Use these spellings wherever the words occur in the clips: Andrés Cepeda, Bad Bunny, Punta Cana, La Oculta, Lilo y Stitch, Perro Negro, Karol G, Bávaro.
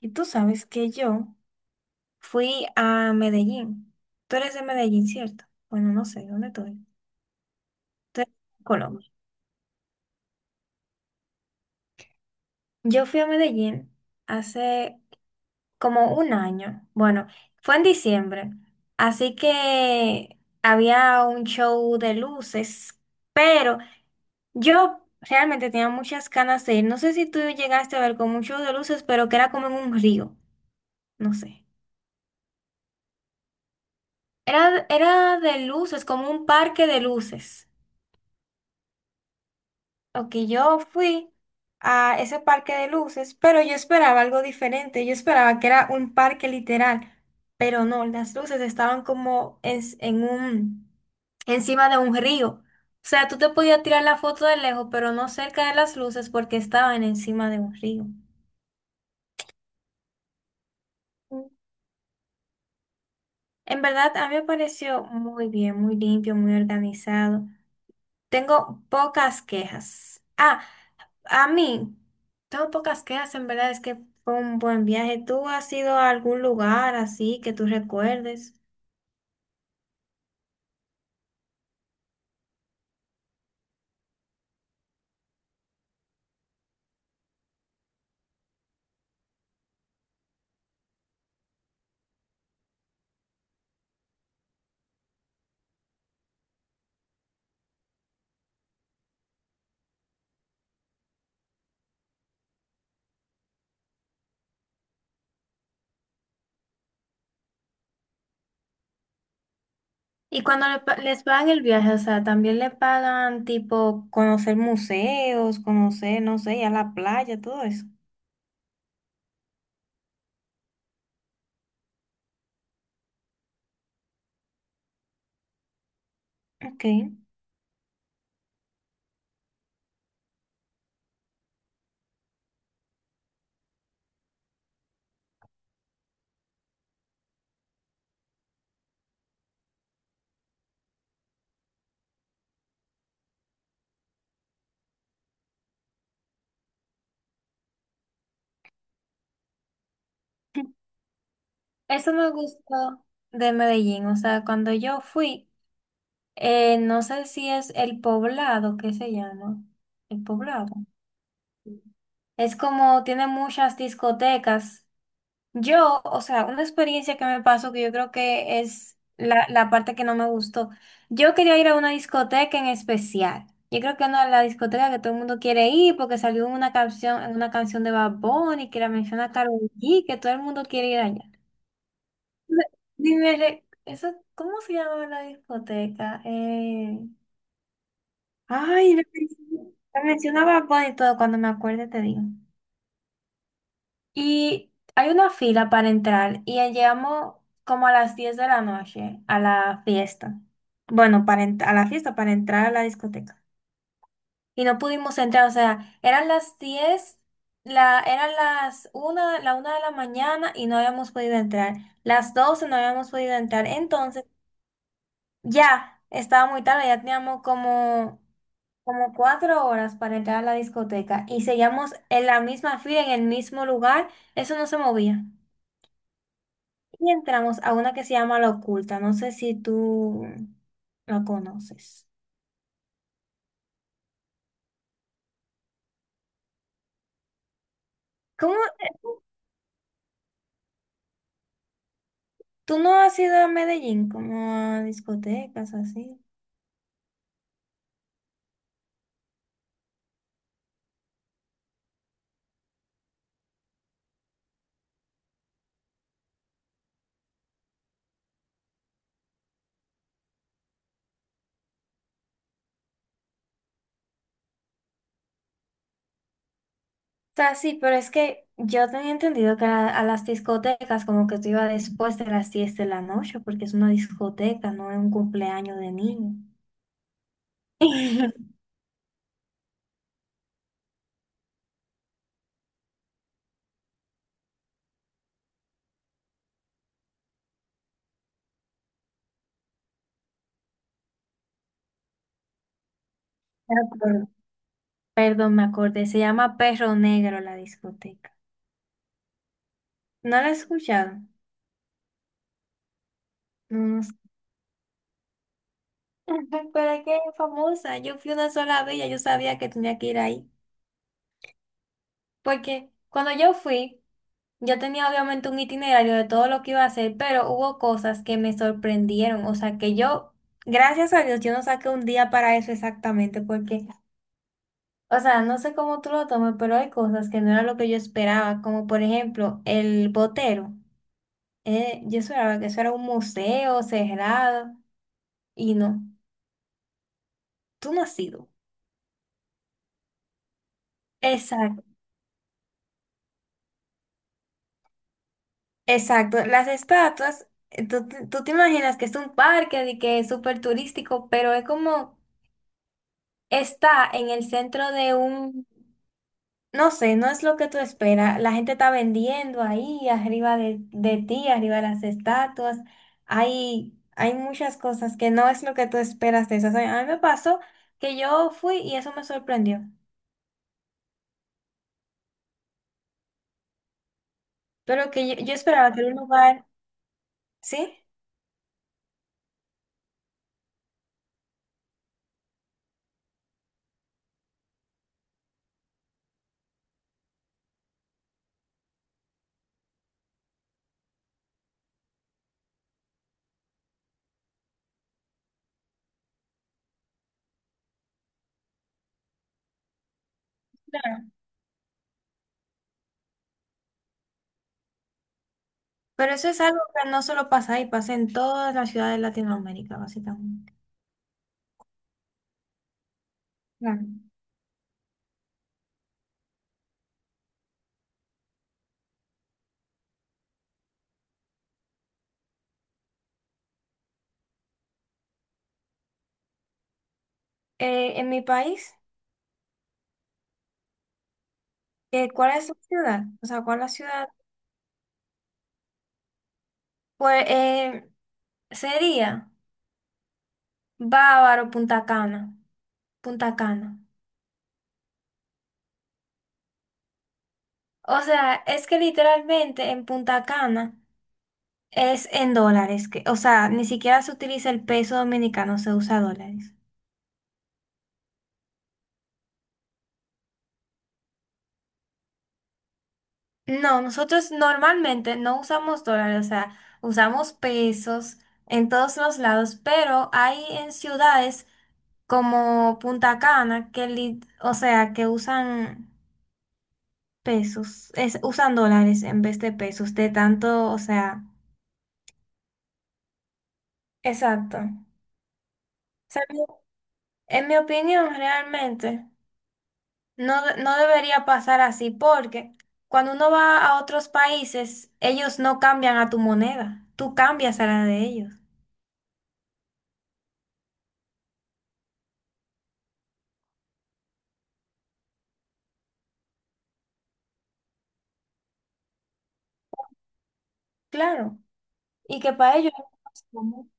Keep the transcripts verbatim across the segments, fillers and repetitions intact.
Y tú sabes que yo fui a Medellín. Tú eres de Medellín, ¿cierto? Bueno, no sé, ¿dónde tú eres? Tú eres de Colombia. Yo fui a Medellín hace como un año. Bueno, fue en diciembre. Así que había un show de luces, pero yo realmente tenía muchas ganas de ir. No sé si tú llegaste a ver como un show de luces, pero que era como en un río. No sé. Era, era de luces, como un parque de luces. Ok, yo fui a ese parque de luces, pero yo esperaba algo diferente. Yo esperaba que era un parque literal, pero no, las luces estaban como en, en un, encima de un río. O sea, tú te podías tirar la foto de lejos, pero no cerca de las luces porque estaban encima de un río. Mm. En verdad, a mí me pareció muy bien, muy limpio, muy organizado. Tengo pocas quejas. Ah, A mí, tengo pocas quejas, en verdad es que fue un buen viaje. ¿Tú has ido a algún lugar así que tú recuerdes? Y cuando le pa- les pagan el viaje, o sea, también le pagan tipo conocer museos, conocer, no sé, ir a la playa, todo eso. Ok. Eso me gustó de Medellín, o sea, cuando yo fui, eh, no sé si es el poblado, ¿qué se llama? El poblado. Es como, tiene muchas discotecas. Yo, o sea, una experiencia que me pasó que yo creo que es la, la parte que no me gustó. Yo quería ir a una discoteca en especial. Yo creo que no la discoteca que todo el mundo quiere ir porque salió una canción, en una canción de Bad Bunny que la menciona Karol G, que todo el mundo quiere ir allá. Me- Dime, re- eso, ¿cómo se llamaba la discoteca? Eh, ay, la, men- la mencionaba Bad Bunny y todo, cuando me acuerde te digo. Y hay una fila para entrar y llegamos como a las diez de la noche a la fiesta. Bueno, para ent- a la fiesta, para entrar a la discoteca. Y no pudimos entrar, o sea, eran las diez la, eran las una la una de la mañana y no habíamos podido entrar. Las doce no habíamos podido entrar. Entonces, ya estaba muy tarde, ya teníamos como, como cuatro horas para entrar a la discoteca y seguíamos en la misma fila, en el mismo lugar. Eso no se movía. Y entramos a una que se llama La Oculta. No sé si tú la conoces. ¿Cómo? ¿Tú no has ido a Medellín como a discotecas así? O sea, sí, pero es que yo tenía entendido que a, a las discotecas como que tú ibas después de las diez de la noche porque es una discoteca, no es un cumpleaños de niño. Me acuerdo. Perdón, me acordé. Se llama Perro Negro la discoteca. ¿No la he escuchado? No, no. Pero es que es famosa. Yo fui una sola vez, y ya yo sabía que tenía que ir ahí. Porque cuando yo fui, yo tenía obviamente un itinerario de todo lo que iba a hacer, pero hubo cosas que me sorprendieron. O sea, que yo, gracias a Dios, yo no saqué un día para eso exactamente, porque, o sea, no sé cómo tú lo tomes, pero hay cosas que no era lo que yo esperaba, como por ejemplo el botero. Eh, yo esperaba que eso era un museo cerrado y no, tú no has sido. Exacto, las estatuas, eh, tú, te tú te imaginas que es un parque y que es súper turístico, pero es como está en el centro de un, no sé, no es lo que tú esperas. La gente está vendiendo ahí, arriba de, de ti, arriba de las estatuas. Hay, hay muchas cosas que no es lo que tú esperas de eso. O sea, a mí me pasó que yo fui y eso me sorprendió, pero que yo, yo esperaba que era un lugar, ¿sí? Pero eso es algo que no solo pasa ahí, pasa en todas las ciudades de Latinoamérica, básicamente. Claro. Eh, en mi país, eh, ¿cuál es la ciudad? O sea, ¿cuál es la ciudad? Pues eh, sería Bávaro, Punta Cana. Punta Cana. O sea, es que literalmente en Punta Cana es en dólares, que, o sea, ni siquiera se utiliza el peso dominicano, se usa dólares. No, nosotros normalmente no usamos dólares, o sea, usamos pesos en todos los lados, pero hay en ciudades como Punta Cana, que li- o sea, que usan pesos, es, usan dólares en vez de pesos, de tanto, o sea, exacto. O sea, mi- en mi opinión, realmente, no, de- no debería pasar así, porque cuando uno va a otros países, ellos no cambian a tu moneda, tú cambias a la de ellos. Claro, y que para ellos es más común.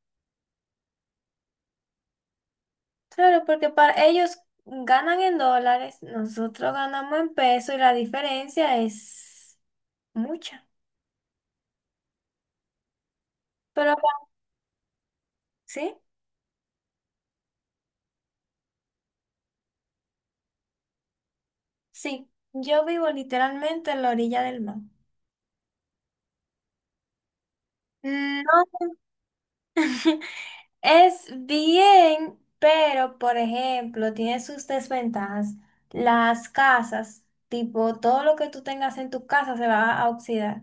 Claro, porque para ellos ganan en dólares, nosotros ganamos en pesos y la diferencia es mucha. Pero, acá- ¿sí? Sí. Yo vivo literalmente en la orilla del mar. No. Es bien, pero, por ejemplo, tiene sus desventajas. Las casas, tipo, todo lo que tú tengas en tu casa se va a oxidar.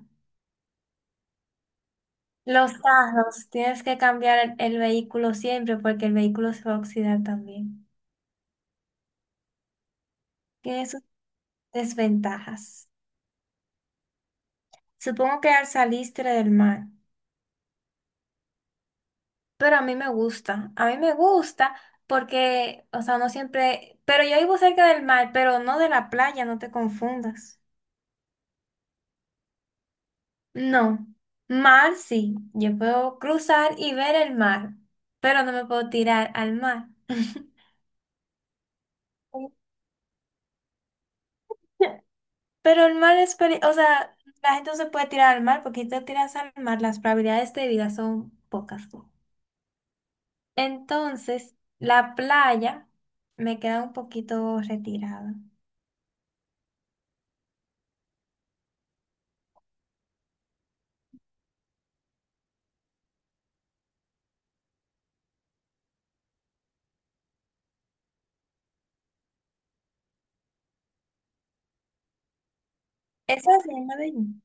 Los carros, tienes que cambiar el, el vehículo siempre porque el vehículo se va a oxidar también. Tiene sus desventajas. Supongo que al saliste del mar. Pero a mí me gusta, a mí me gusta porque, o sea, no siempre, pero yo vivo cerca del mar, pero no de la playa, no te confundas. No, mar sí, yo puedo cruzar y ver el mar, pero no me puedo tirar al mar. Pero el mar es, peli- o sea, la gente no se puede tirar al mar porque si te tiras al mar, las probabilidades de vida son pocas. Entonces, la playa me queda un poquito retirada. Eso es la de allí.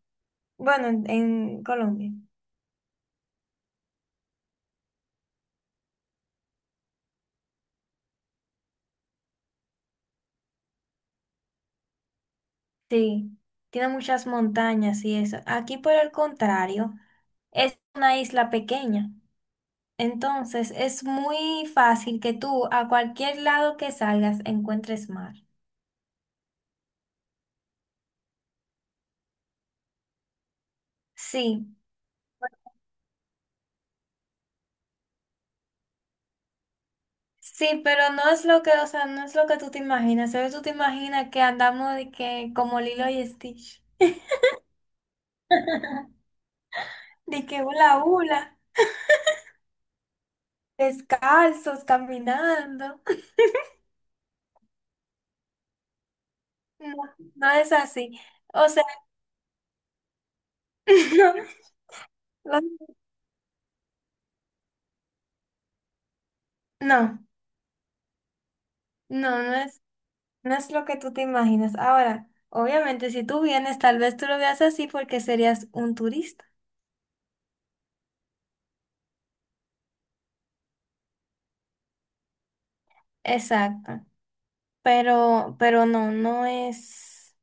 Bueno, en, en Colombia. Sí, tiene muchas montañas y eso. Aquí, por el contrario, es una isla pequeña. Entonces, es muy fácil que tú a cualquier lado que salgas encuentres mar. Sí, sí, pero no es lo que, o sea, no es lo que tú te imaginas. Solo tú te imaginas que andamos de que como Lilo y Stitch, de que hula hula, descalzos, caminando. No, no es así. O sea, no, No, no, no es, no es lo que tú te imaginas. Ahora, obviamente, si tú vienes, tal vez tú lo veas así porque serías un turista. Exacto. Pero, pero no, no es,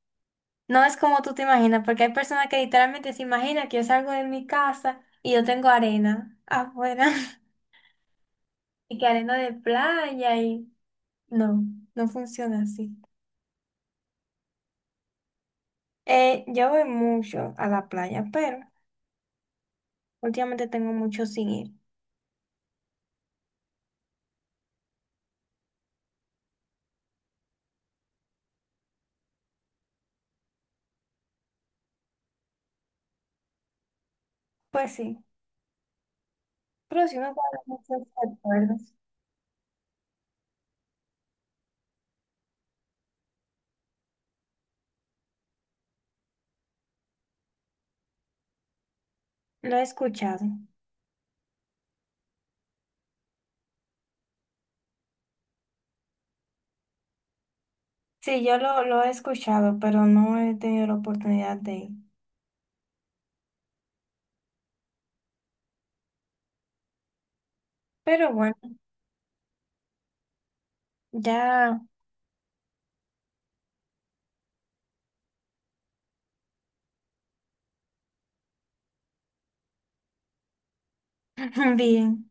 no es como tú te imaginas, porque hay personas que literalmente se imaginan que yo salgo de mi casa y yo tengo arena afuera y que arena de playa y no, no funciona así. Eh, yo voy mucho a la playa, pero últimamente tengo mucho sin ir. Pues sí. Pero sí me guardo muchos recuerdos. Lo he escuchado. Sí, yo lo, lo he escuchado, pero no he tenido la oportunidad de ir. Pero bueno, ya bien.